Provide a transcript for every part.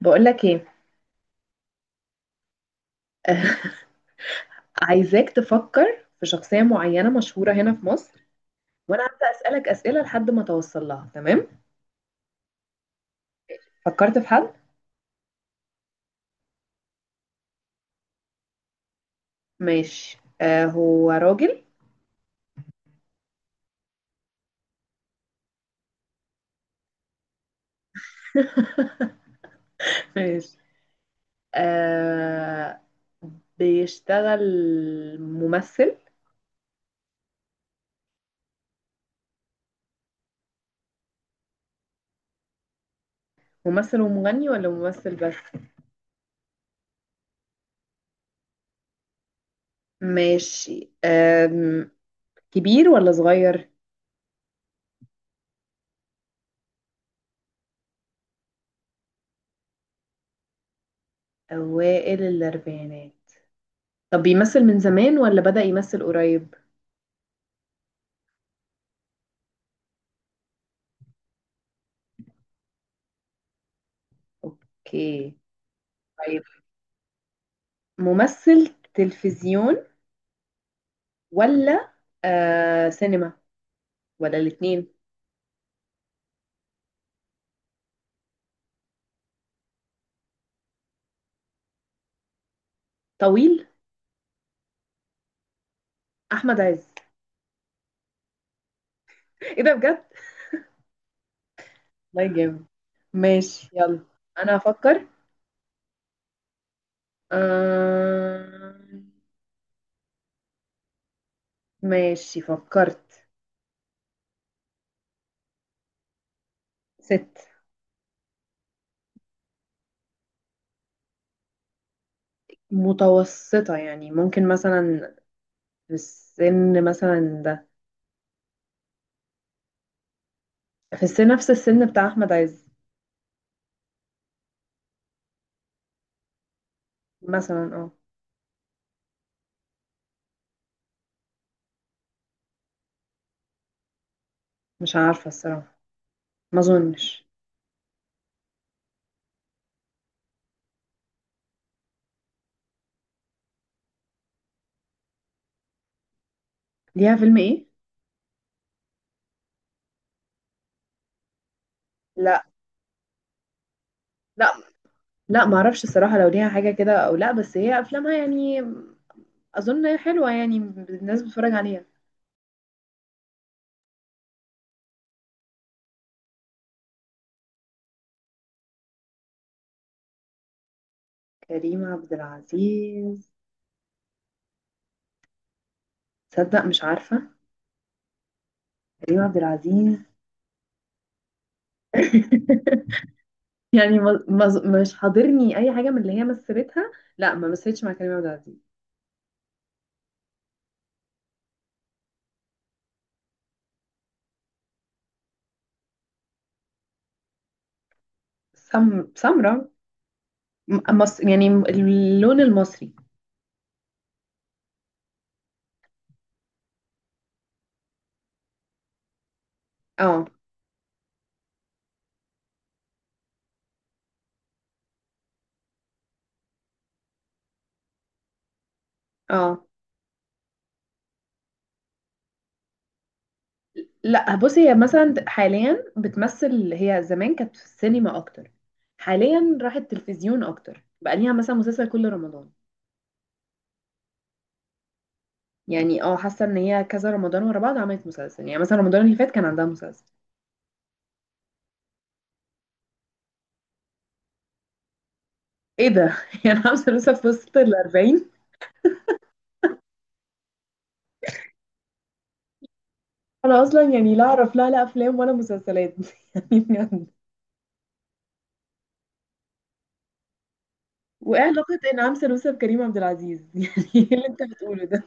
بقول لك ايه؟ عايزاك تفكر في شخصية معينة مشهورة هنا في مصر، وانا هبدأ اسألك اسئلة لحد ما توصل لها. تمام. فكرت في حد؟ ماشي، هو راجل. ماشي. آه بيشتغل ممثل. ممثل ومغني ولا ممثل بس؟ ماشي، كبير ولا صغير؟ اوائل الاربعينات؟ طب بيمثل من زمان ولا بدأ يمثل قريب؟ اوكي. ممثل تلفزيون ولا سينما ولا الاتنين؟ طويل؟ احمد عز. ايه ده بجد؟ والله جامد. ماشي يلا، انا هفكر. آه... ماشي فكرت. ست. متوسطة يعني، ممكن مثلا في السن مثلا ده، في السن نفس السن بتاع احمد عز مثلا، اه. مش عارفة الصراحة، ما اظنش. ليها فيلم ايه؟ لا. لا. لا ما اعرفش الصراحه لو ليها حاجه كده او لا، بس هي افلامها يعني اظن حلوه، يعني الناس بتتفرج عليها. كريم عبد العزيز؟ تصدق مش عارفه كريم عبد العزيز. يعني مش حاضرني اي حاجه من اللي هي مثلتها. لا ما مثلتش مع كريم عبد العزيز. سمرة. يعني اللون المصري. اه. اه. لا بصي، هي مثلا حاليا بتمثل، هي زمان كانت في السينما اكتر، حاليا راحت تلفزيون اكتر، بقى ليها مثلا مسلسل كل رمضان. يعني اه، حاسه ان هي كذا رمضان ورا بعض عملت مسلسل، يعني مثلا رمضان اللي فات كان عندها مسلسل. ايه ده؟ يعني عامله لسه في وسط ال 40. انا اصلا يعني لا اعرف لا لا افلام ولا مسلسلات. يعني بجد. وايه علاقه انعام سالوسة بكريم عبد العزيز؟ يعني ايه اللي انت بتقوله ده؟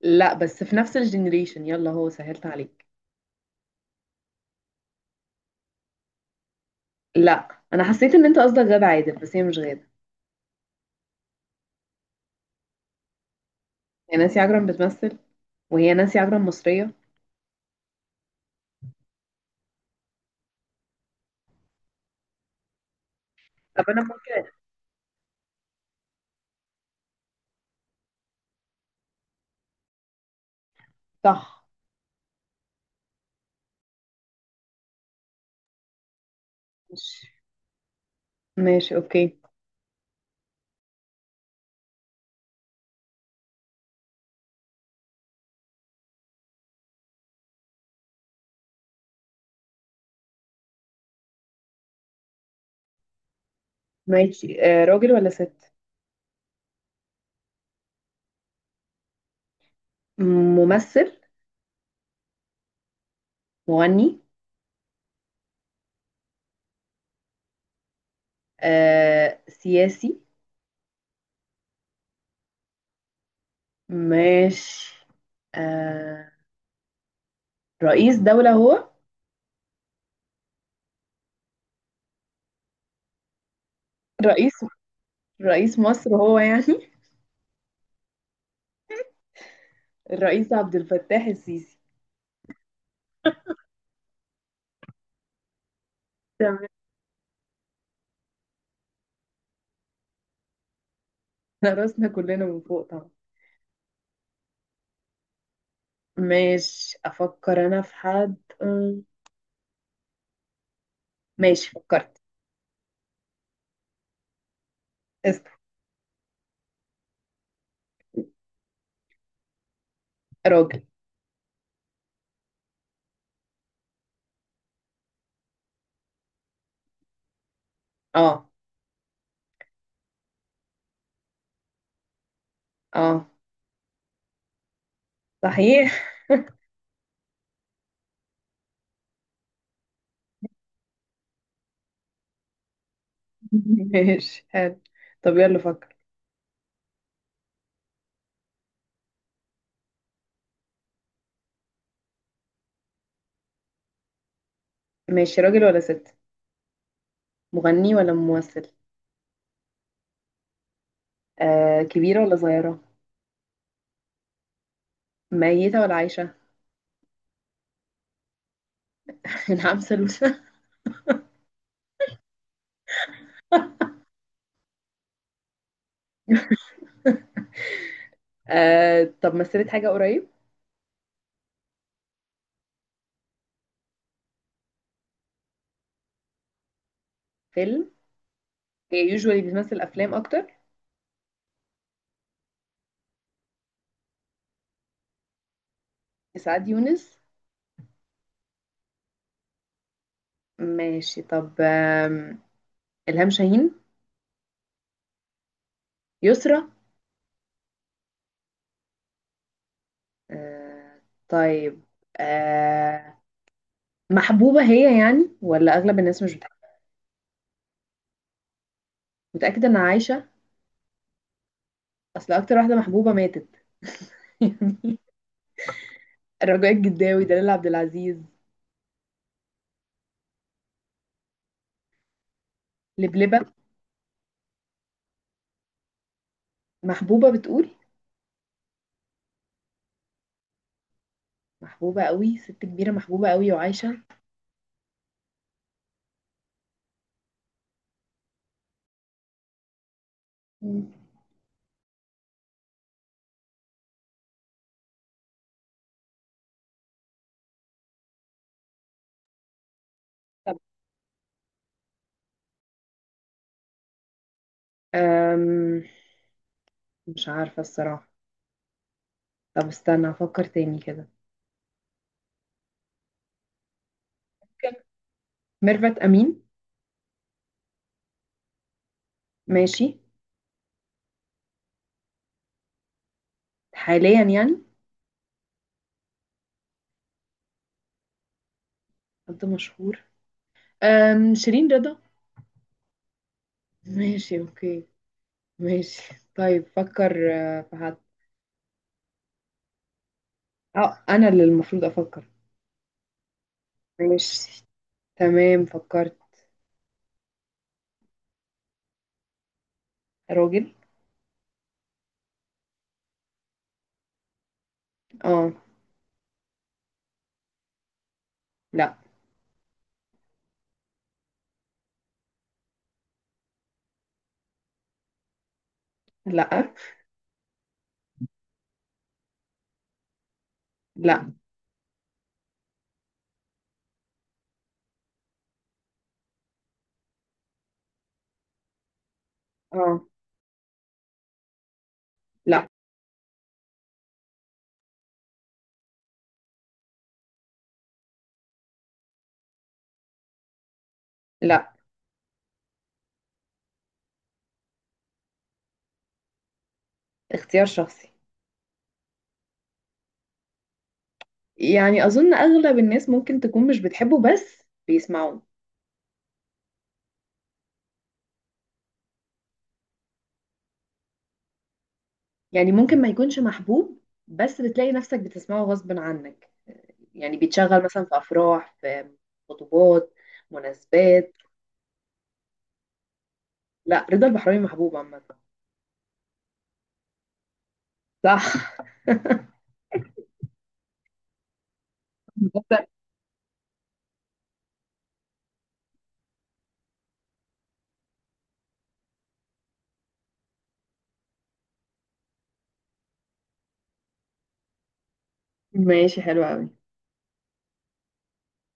لا، بس في نفس الجنريشن، يلا هو سهلت عليك. لا انا حسيت ان انت قصدك غادة عادل، بس هي مش غادة. هي نانسي عجرم بتمثل؟ وهي نانسي عجرم مصرية؟ طب انا ممكن؟ صح. ماشي. ماشي اوكي. ماشي، راجل ولا ست؟ ممثل؟ مغني؟ سياسي؟ ماشي، آه رئيس دولة هو؟ رئيس رئيس مصر هو يعني؟ الرئيس عبد الفتاح السيسي. تمام، احنا راسنا كلنا من فوق طبعا. ماشي افكر انا في حد. أم، ماشي فكرت. اسم. راجل. اه. اه. صحيح. ماشي حلو. طب يلا فكر. ماشي، راجل ولا ست؟ مغني ولا ممثل؟ كبيرة ولا صغيرة؟ ميتة ولا عايشة؟ نعم سلوسة؟ طب مثلت حاجة قريب؟ فيلم؟ هي يوجوالي بتمثل أفلام أكتر؟ سعاد يونس؟ ماشي، طب إلهام شاهين؟ يسرا؟ آه طيب، آه محبوبة هي يعني ولا أغلب الناس مش بتحبها؟ متأكدة إن عايشة؟ اصل اكتر واحده محبوبه ماتت. رجاء الجداوي؟ دلال عبد العزيز؟ لبلبة؟ محبوبة بتقول؟ محبوبة قوي ست كبيرة محبوبة قوي وعايشة؟ مم. طب أم... مش عارفة الصراحة. طب استنى أفكر تاني كده. ممكن ميرفت أمين؟ ماشي. حاليا يعني؟ حد مشهور؟ شيرين رضا؟ ماشي أوكي. ماشي طيب فكر في حد. اه أنا اللي المفروض أفكر. ماشي، تمام فكرت. راجل. اه. لا. لا. لا. اه. لا. لا. اختيار شخصي. يعني أظن أغلب الناس ممكن تكون مش بتحبه بس بيسمعوه. يعني ممكن ما يكونش محبوب، بس بتلاقي نفسك بتسمعه غصب عنك. يعني بيتشغل مثلا في أفراح، في خطوبات، مناسبات. لا رضا البحراوي محبوب عامة. صح. ماشي حلو قوي.